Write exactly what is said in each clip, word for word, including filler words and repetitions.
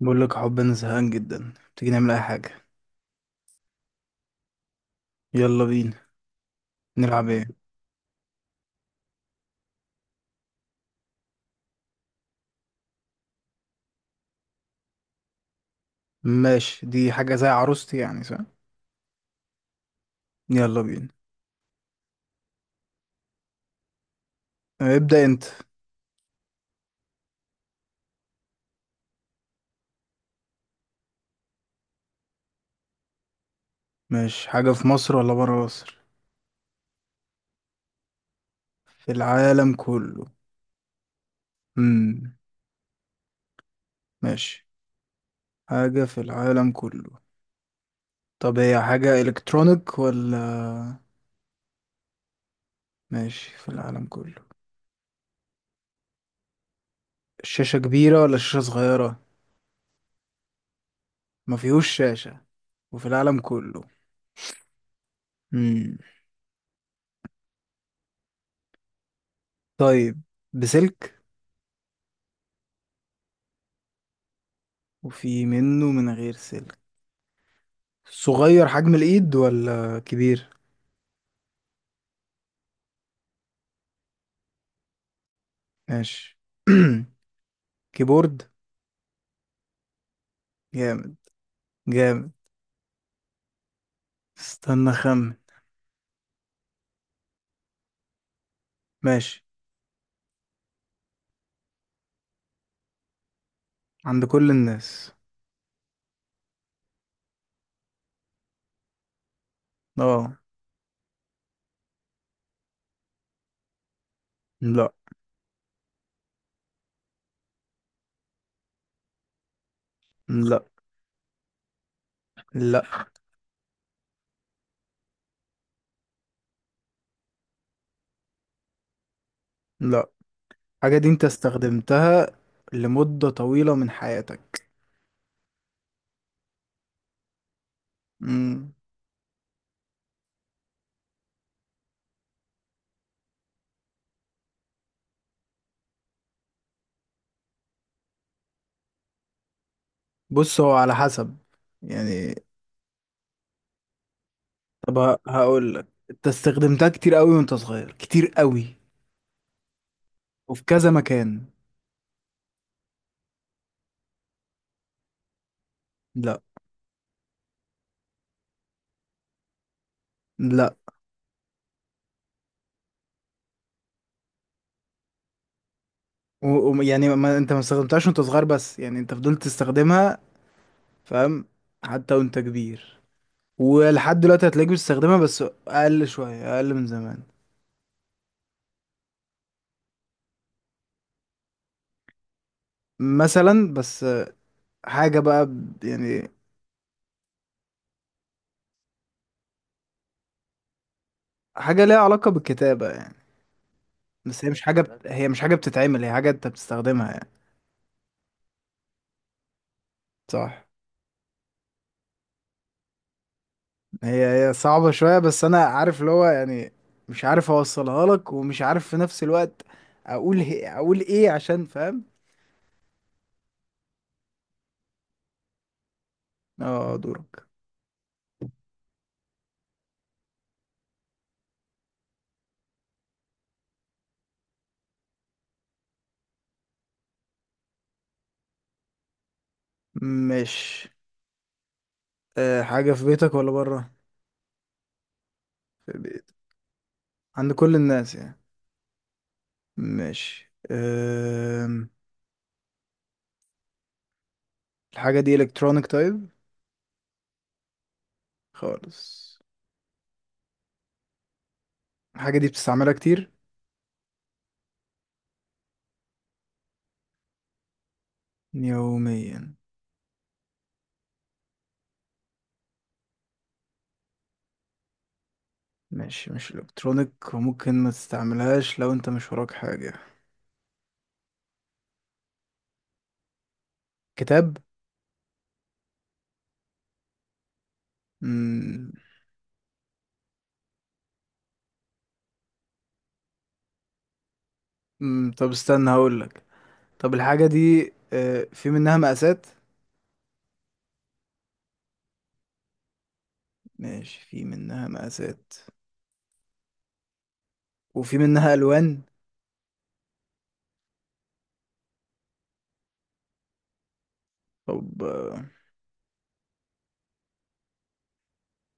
بقول لك يا حب، انا زهقان جدا. تيجي نعمل اي حاجه؟ يلا بينا. نلعب ايه؟ ماشي، دي حاجه زي عروستي يعني، صح؟ يلا بينا. ابدا انت. ماشي. حاجه في مصر ولا بره مصر؟ في العالم كله. امم ماشي. حاجه في العالم كله. طب هي حاجه الكترونيك ولا؟ ماشي، في العالم كله. الشاشه كبيره ولا الشاشه صغيره؟ ما فيهوش شاشه. وفي العالم كله. امم طيب. بسلك. وفي منه من غير سلك. صغير حجم الايد ولا كبير؟ ماشي. كيبورد. جامد. جامد. استنى، خمن. ماشي. عند كل الناس. اه. لا، لا، لا، لا. الحاجة دي انت استخدمتها لمدة طويلة من حياتك. مم. بص، هو على حسب يعني. طب ه- هقول لك، انت استخدمتها كتير قوي وانت صغير، كتير قوي. وفي كذا مكان. لا، لا. و... و... يعني ما... انت ما استخدمتهاش وانت صغير، بس يعني انت فضلت تستخدمها، فاهم؟ حتى وانت كبير. ولحد دلوقتي هتلاقيك بتستخدمها، بس اقل شوية، اقل من زمان. مثلا. بس حاجة بقى ب- يعني، حاجة ليها علاقة بالكتابة يعني. بس هي مش حاجة بت... هي مش حاجة بتتعمل، هي حاجة انت بتستخدمها يعني. صح. هي هي صعبة شوية، بس انا عارف اللي هو يعني، مش عارف اوصلها لك، ومش عارف في نفس الوقت اقول هي... اقول ايه عشان فاهم. اه، دورك. مش. أه حاجة في بيتك ولا بره؟ في بيتك. عند كل الناس يعني. ماشي. أم... الحاجة دي الكترونيك؟ طيب. خالص. الحاجة دي بتستعملها كتير؟ يوميا. ماشي، مش الكترونيك وممكن ما تستعملهاش لو انت مش وراك حاجة. كتاب. مم. مم. طب استنى هقولك. طب الحاجة دي آه، في منها مقاسات؟ ماشي، في منها مقاسات. وفي منها ألوان. طب آه،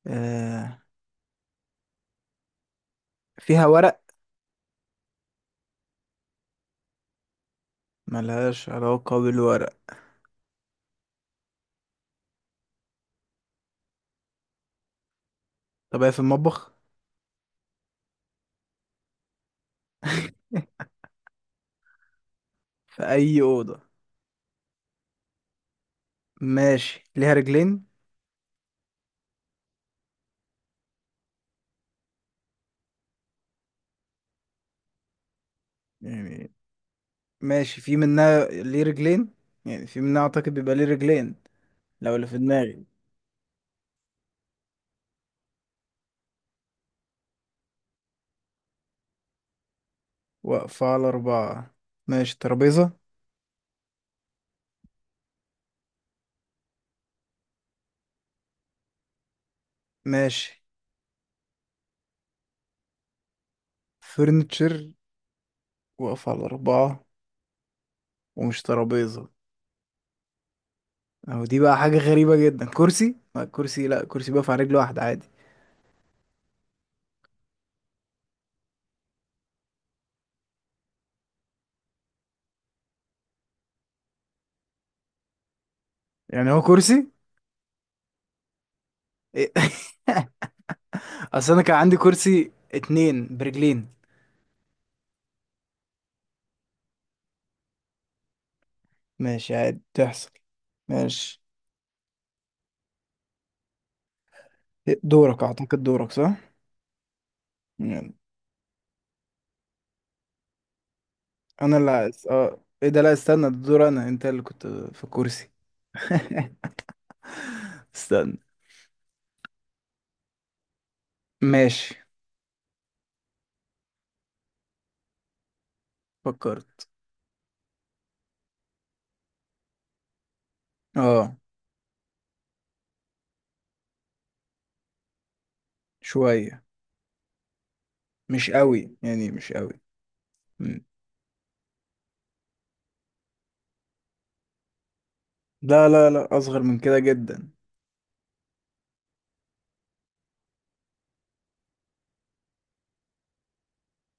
آه، فيها ورق؟ ملهاش علاقة بالورق. طب هي في المطبخ؟ في أي أوضة. ماشي، ليها رجلين؟ يعني. ماشي، في منها ليه رجلين، يعني في منها اعتقد بيبقى ليه رجلين، لو اللي في دماغي. واقفة على أربعة. ماشي. ترابيزة. ماشي، فرنتشر، واقفة على أربعة ومش ترابيزة. أهو دي بقى حاجة غريبة جدا. كرسي، ما كرسي، لا، كرسي بيقف على رجل واحدة عادي يعني، هو كرسي؟ إيه؟ أصل أنا كان عندي كرسي اتنين برجلين. ماشي، عادي تحصل. ماشي. دورك، أعتقد دورك صح؟ يعني انا اللي أس- اه، ايه ده؟ لا، استنى، ده دور انا، انت اللي كنت في الكرسي. استنى. ماشي. فكرت. اه. شوية، مش قوي يعني، مش قوي. مم. لا، لا، لا، اصغر من كده جدا.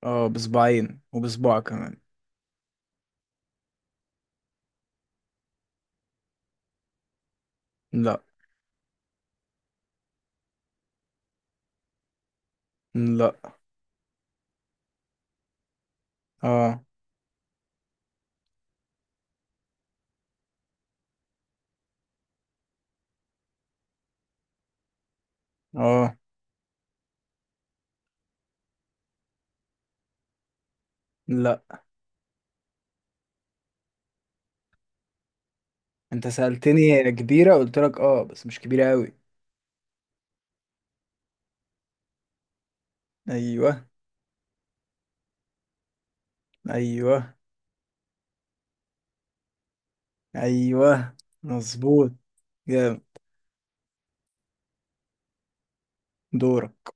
اه، بصباعين وبصباع كمان. لا. لا. اه. اه. لا. انت سألتني كبيرة، قلت لك اه، بس مش كبيرة قوي. ايوه. ايوه. ايوه، مظبوط. جامد. دورك.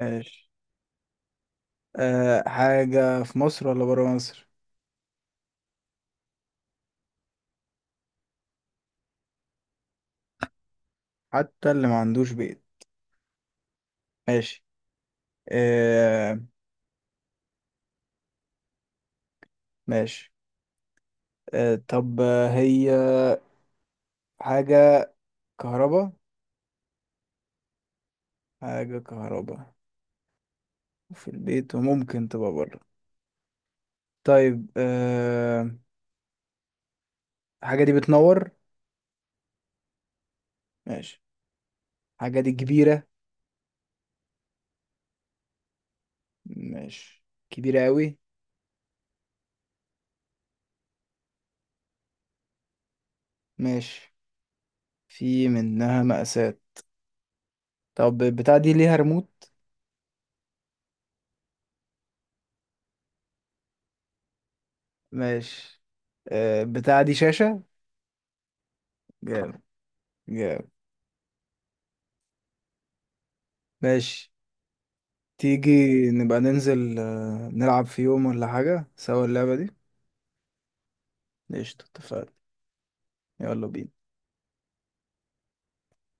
ماشي. أه حاجة في مصر ولا برا مصر؟ حتى اللي ما عندوش بيت. ماشي. أه. ماشي. أه، طب آه، هي حاجة كهربا. حاجة كهربا في البيت وممكن تبقى برا. طيب أه. الحاجة دي بتنور. ماشي. الحاجة دي كبيرة. ماشي، كبيرة قوي. ماشي، في منها مقاسات. طب بتاع دي ليها ريموت. ماشي. أه، بتاع دي شاشة. جامد. جامد. ماشي. تيجي نبقى ننزل آه، نلعب في يوم ولا حاجة سوا اللعبة دي. قشطة، اتفقنا. يلا بينا.